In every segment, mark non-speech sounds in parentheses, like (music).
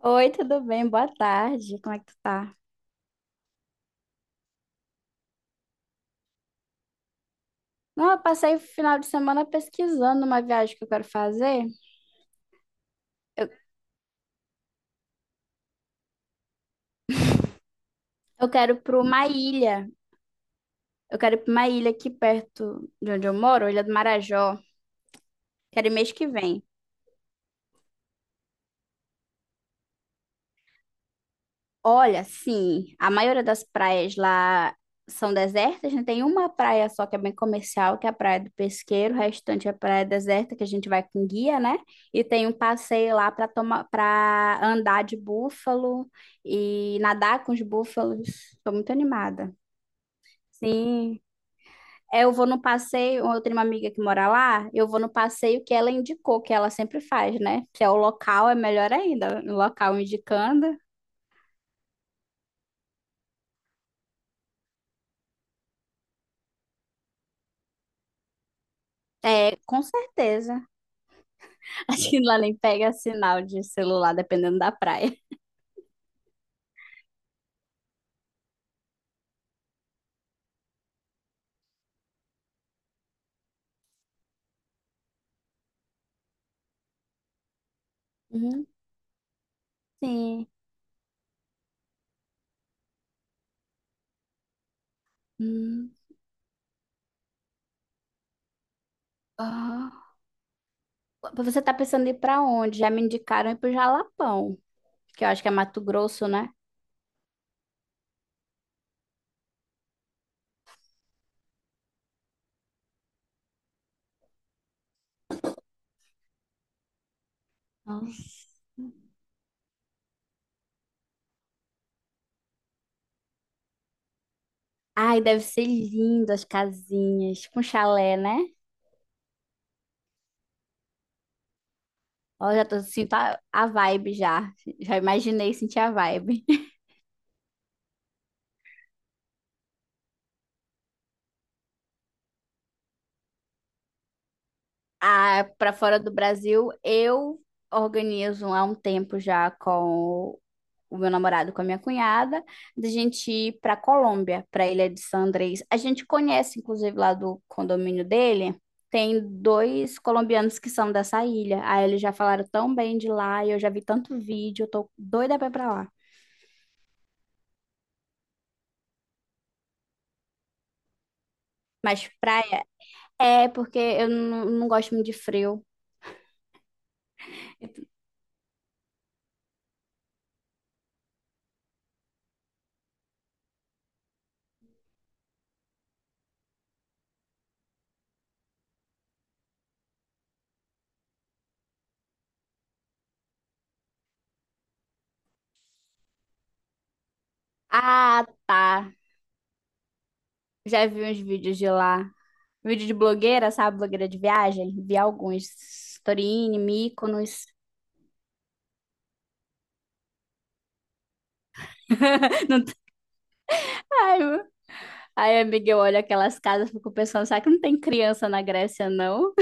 Oi, tudo bem? Boa tarde. Como é que tu tá? Não, eu passei o final de semana pesquisando uma viagem que eu quero fazer. Eu, eu quero para uma ilha. Eu quero ir para uma ilha aqui perto de onde eu moro, Ilha do Marajó. Quero ir mês que vem. Olha, sim, a maioria das praias lá são desertas, né? Tem uma praia só que é bem comercial, que é a Praia do Pesqueiro, o restante é praia deserta, que a gente vai com guia, né? E tem um passeio lá para tomar, para andar de búfalo e nadar com os búfalos. Estou muito animada. Sim. Eu vou no passeio, eu tenho uma amiga que mora lá, eu vou no passeio que ela indicou, que ela sempre faz, né? Se é o local, é melhor ainda, o local indicando. É, com certeza. (laughs) Acho que lá nem pega sinal de celular, dependendo da praia. Uhum. Sim. Hum. Ah. Você tá pensando em ir pra onde? Já me indicaram ir pro Jalapão, que eu acho que é Mato Grosso, né? Nossa. Ai, deve ser lindo as casinhas, com chalé, né? Ó, já tô sinto a vibe já. Já imaginei sentir a vibe. (laughs) Ah, pra fora do Brasil, eu organizo há um tempo já com o meu namorado com a minha cunhada, da gente ir para Colômbia, para a Ilha de San Andrés. A gente conhece, inclusive, lá do condomínio dele, tem dois colombianos que são dessa ilha. Aí eles já falaram tão bem de lá, e eu já vi tanto vídeo, eu tô doida pra ir pra lá. Mas praia é porque eu não gosto muito de frio. Ah, tá. Já vi uns vídeos de lá. Vídeo de blogueira, sabe? Blogueira de viagem. Vi alguns. Torini, Mykonos. (laughs) Não, ai, aí, amiga, eu olho aquelas casas, fico pensando, será que não tem criança na Grécia, não?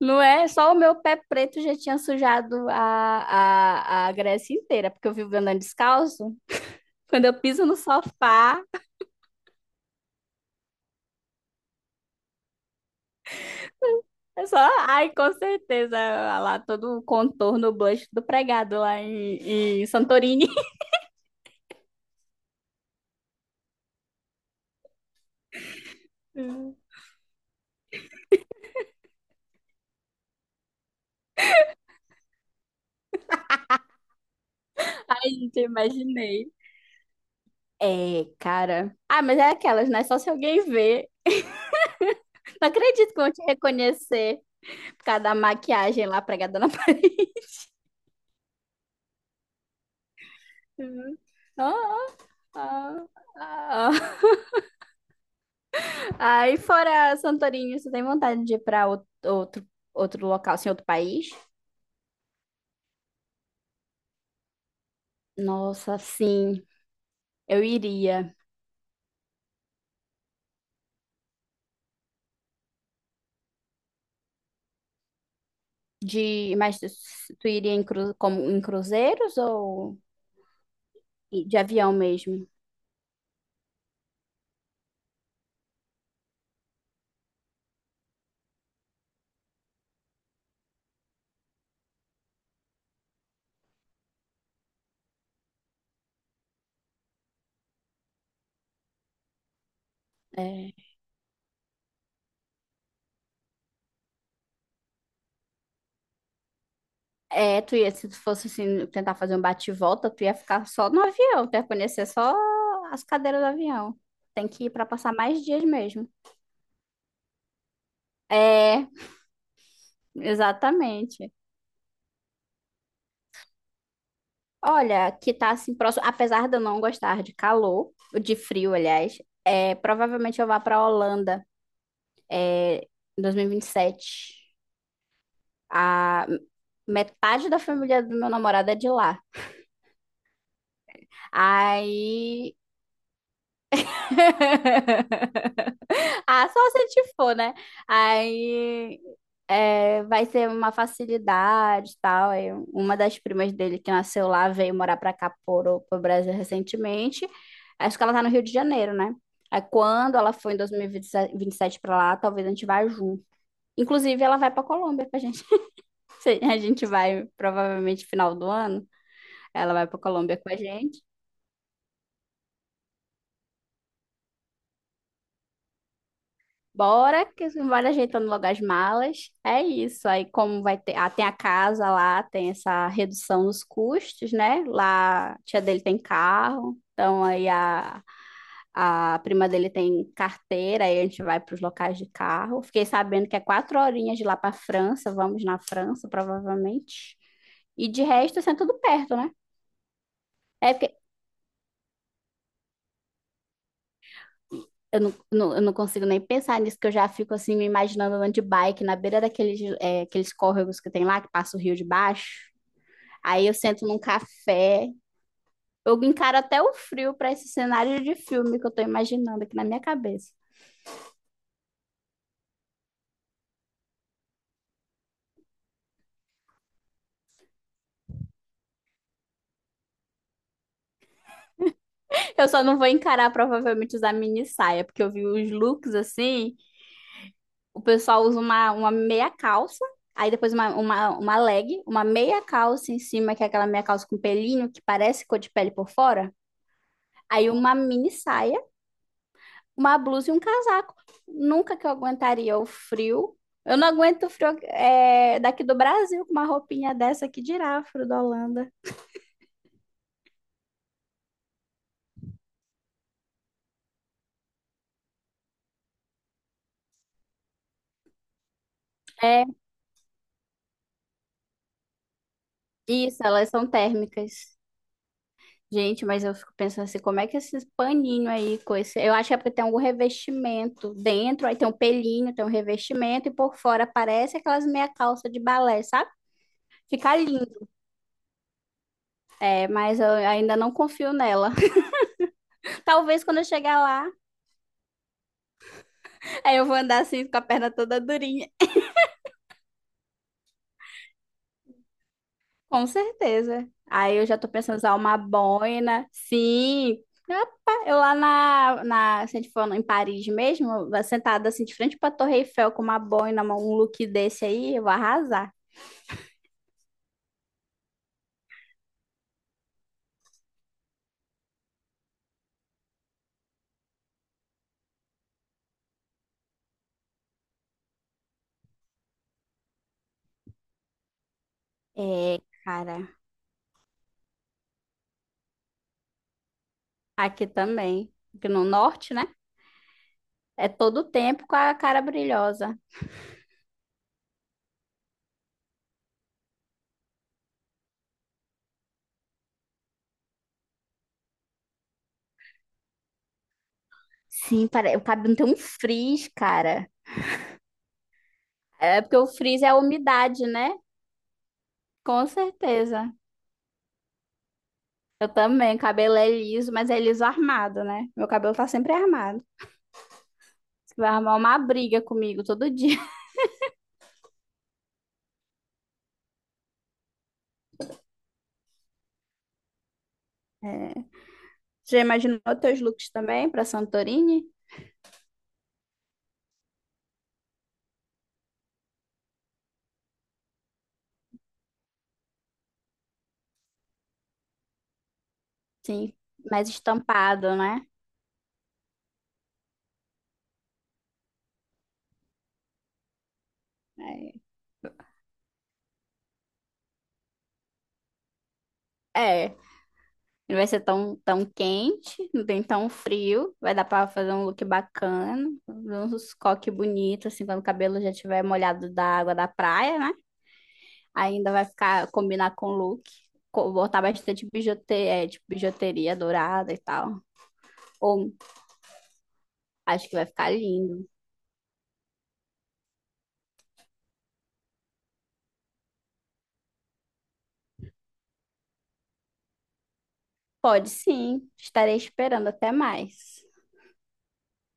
Não é? Só o meu pé preto já tinha sujado a Grécia inteira, porque eu vivo andando descalço. Quando eu piso no sofá, é só, ai, com certeza, lá todo o contorno, o blush do pregado lá em Santorini. (laughs) Ai, gente, eu imaginei. É, cara. Ah, mas é aquelas, né? Só se alguém ver. Não acredito que vão te reconhecer por causa da maquiagem lá pregada na (laughs) parede. Uhum. Ah, ah, ah. (laughs) Aí fora Santorini, você tem vontade de ir para outro local, assim, outro país? Nossa, sim, eu iria. De, mas tu tu iria em, cru, como, em cruzeiros ou de avião mesmo? É, é, tu ia, se tu fosse assim, tentar fazer um bate-volta, tu ia ficar só no avião, tu ia conhecer só as cadeiras do avião. Tem que ir para passar mais dias mesmo. É, exatamente. Olha, que tá assim próximo, apesar de eu não gostar de calor, de frio, aliás, é, provavelmente eu vá para a Holanda é, em 2027. A metade da família do meu namorado é de lá. Aí (laughs) ah, só se te for, né? Aí é, vai ser uma facilidade e tal. Aí uma das primas dele que nasceu lá veio morar pra cá, pro Brasil recentemente. Acho que ela tá no Rio de Janeiro, né? Aí quando ela for em dois mil e vinte e sete pra lá, talvez a gente vá junto. Inclusive, ela vai pra Colômbia com a gente. (laughs) Se a gente vai provavelmente final do ano. Ela vai pra Colômbia com a gente. Bora, que bora ajeitando logo as malas. É isso. Aí, como vai ter. Ah, tem a casa lá, tem essa redução nos custos, né? Lá, a tia dele tem carro. Então, a prima dele tem carteira. Aí a gente vai para os locais de carro. Fiquei sabendo que é quatro horinhas de lá para França. Vamos na França, provavelmente. E de resto, assim, é tudo perto, né? É porque eu não consigo nem pensar nisso, que eu já fico assim, me imaginando andando de bike na beira daqueles, é, aqueles córregos que tem lá, que passa o rio de baixo. Aí eu sento num café. Eu encaro até o frio para esse cenário de filme que eu tô imaginando aqui na minha cabeça. Eu só não vou encarar provavelmente usar mini saia, porque eu vi os looks assim, o pessoal usa uma meia calça, aí depois uma leg, uma meia calça em cima, que é aquela meia calça com pelinho que parece cor de pele por fora. Aí uma mini saia uma blusa e um casaco. Nunca que eu aguentaria o frio. Eu não aguento o frio é, daqui do Brasil com uma roupinha dessa que dirá frio da Holanda. É, isso, elas são térmicas. Gente, mas eu fico pensando assim, como é que esses paninho aí, com esse... eu acho que é porque tem algum revestimento dentro, aí tem um pelinho, tem um revestimento, e por fora parece aquelas meia calça de balé, sabe? Fica lindo, é, mas eu ainda não confio nela. (laughs) Talvez quando eu chegar lá, aí eu vou andar assim com a perna toda durinha. Com certeza. Aí eu já tô pensando em usar uma boina. Sim. Rapaz, eu lá se a gente for em Paris mesmo, eu vou sentada assim de frente pra Torre Eiffel com uma boina, um look desse aí, eu vou arrasar. É, cara, aqui também. Aqui no norte, né? É todo o tempo com a cara brilhosa. Sim, o cabelo tem um frizz, cara. É porque o frizz é a umidade, né? Com certeza. Eu também, o cabelo é liso, mas é liso armado, né? Meu cabelo tá sempre armado. Vai arrumar uma briga comigo todo dia. (laughs) É. Já imaginou teus looks também para Santorini? Sim, mais estampado, né? É. É. Não vai ser tão quente, não tem tão frio. Vai dar para fazer um look bacana, uns coque bonito, assim, quando o cabelo já tiver molhado da água da praia, né? Ainda vai ficar combinar com o look. Botar bastante bijuteria, é, tipo, bijuteria dourada e tal. Ou acho que vai ficar lindo. Pode sim, estarei esperando até mais.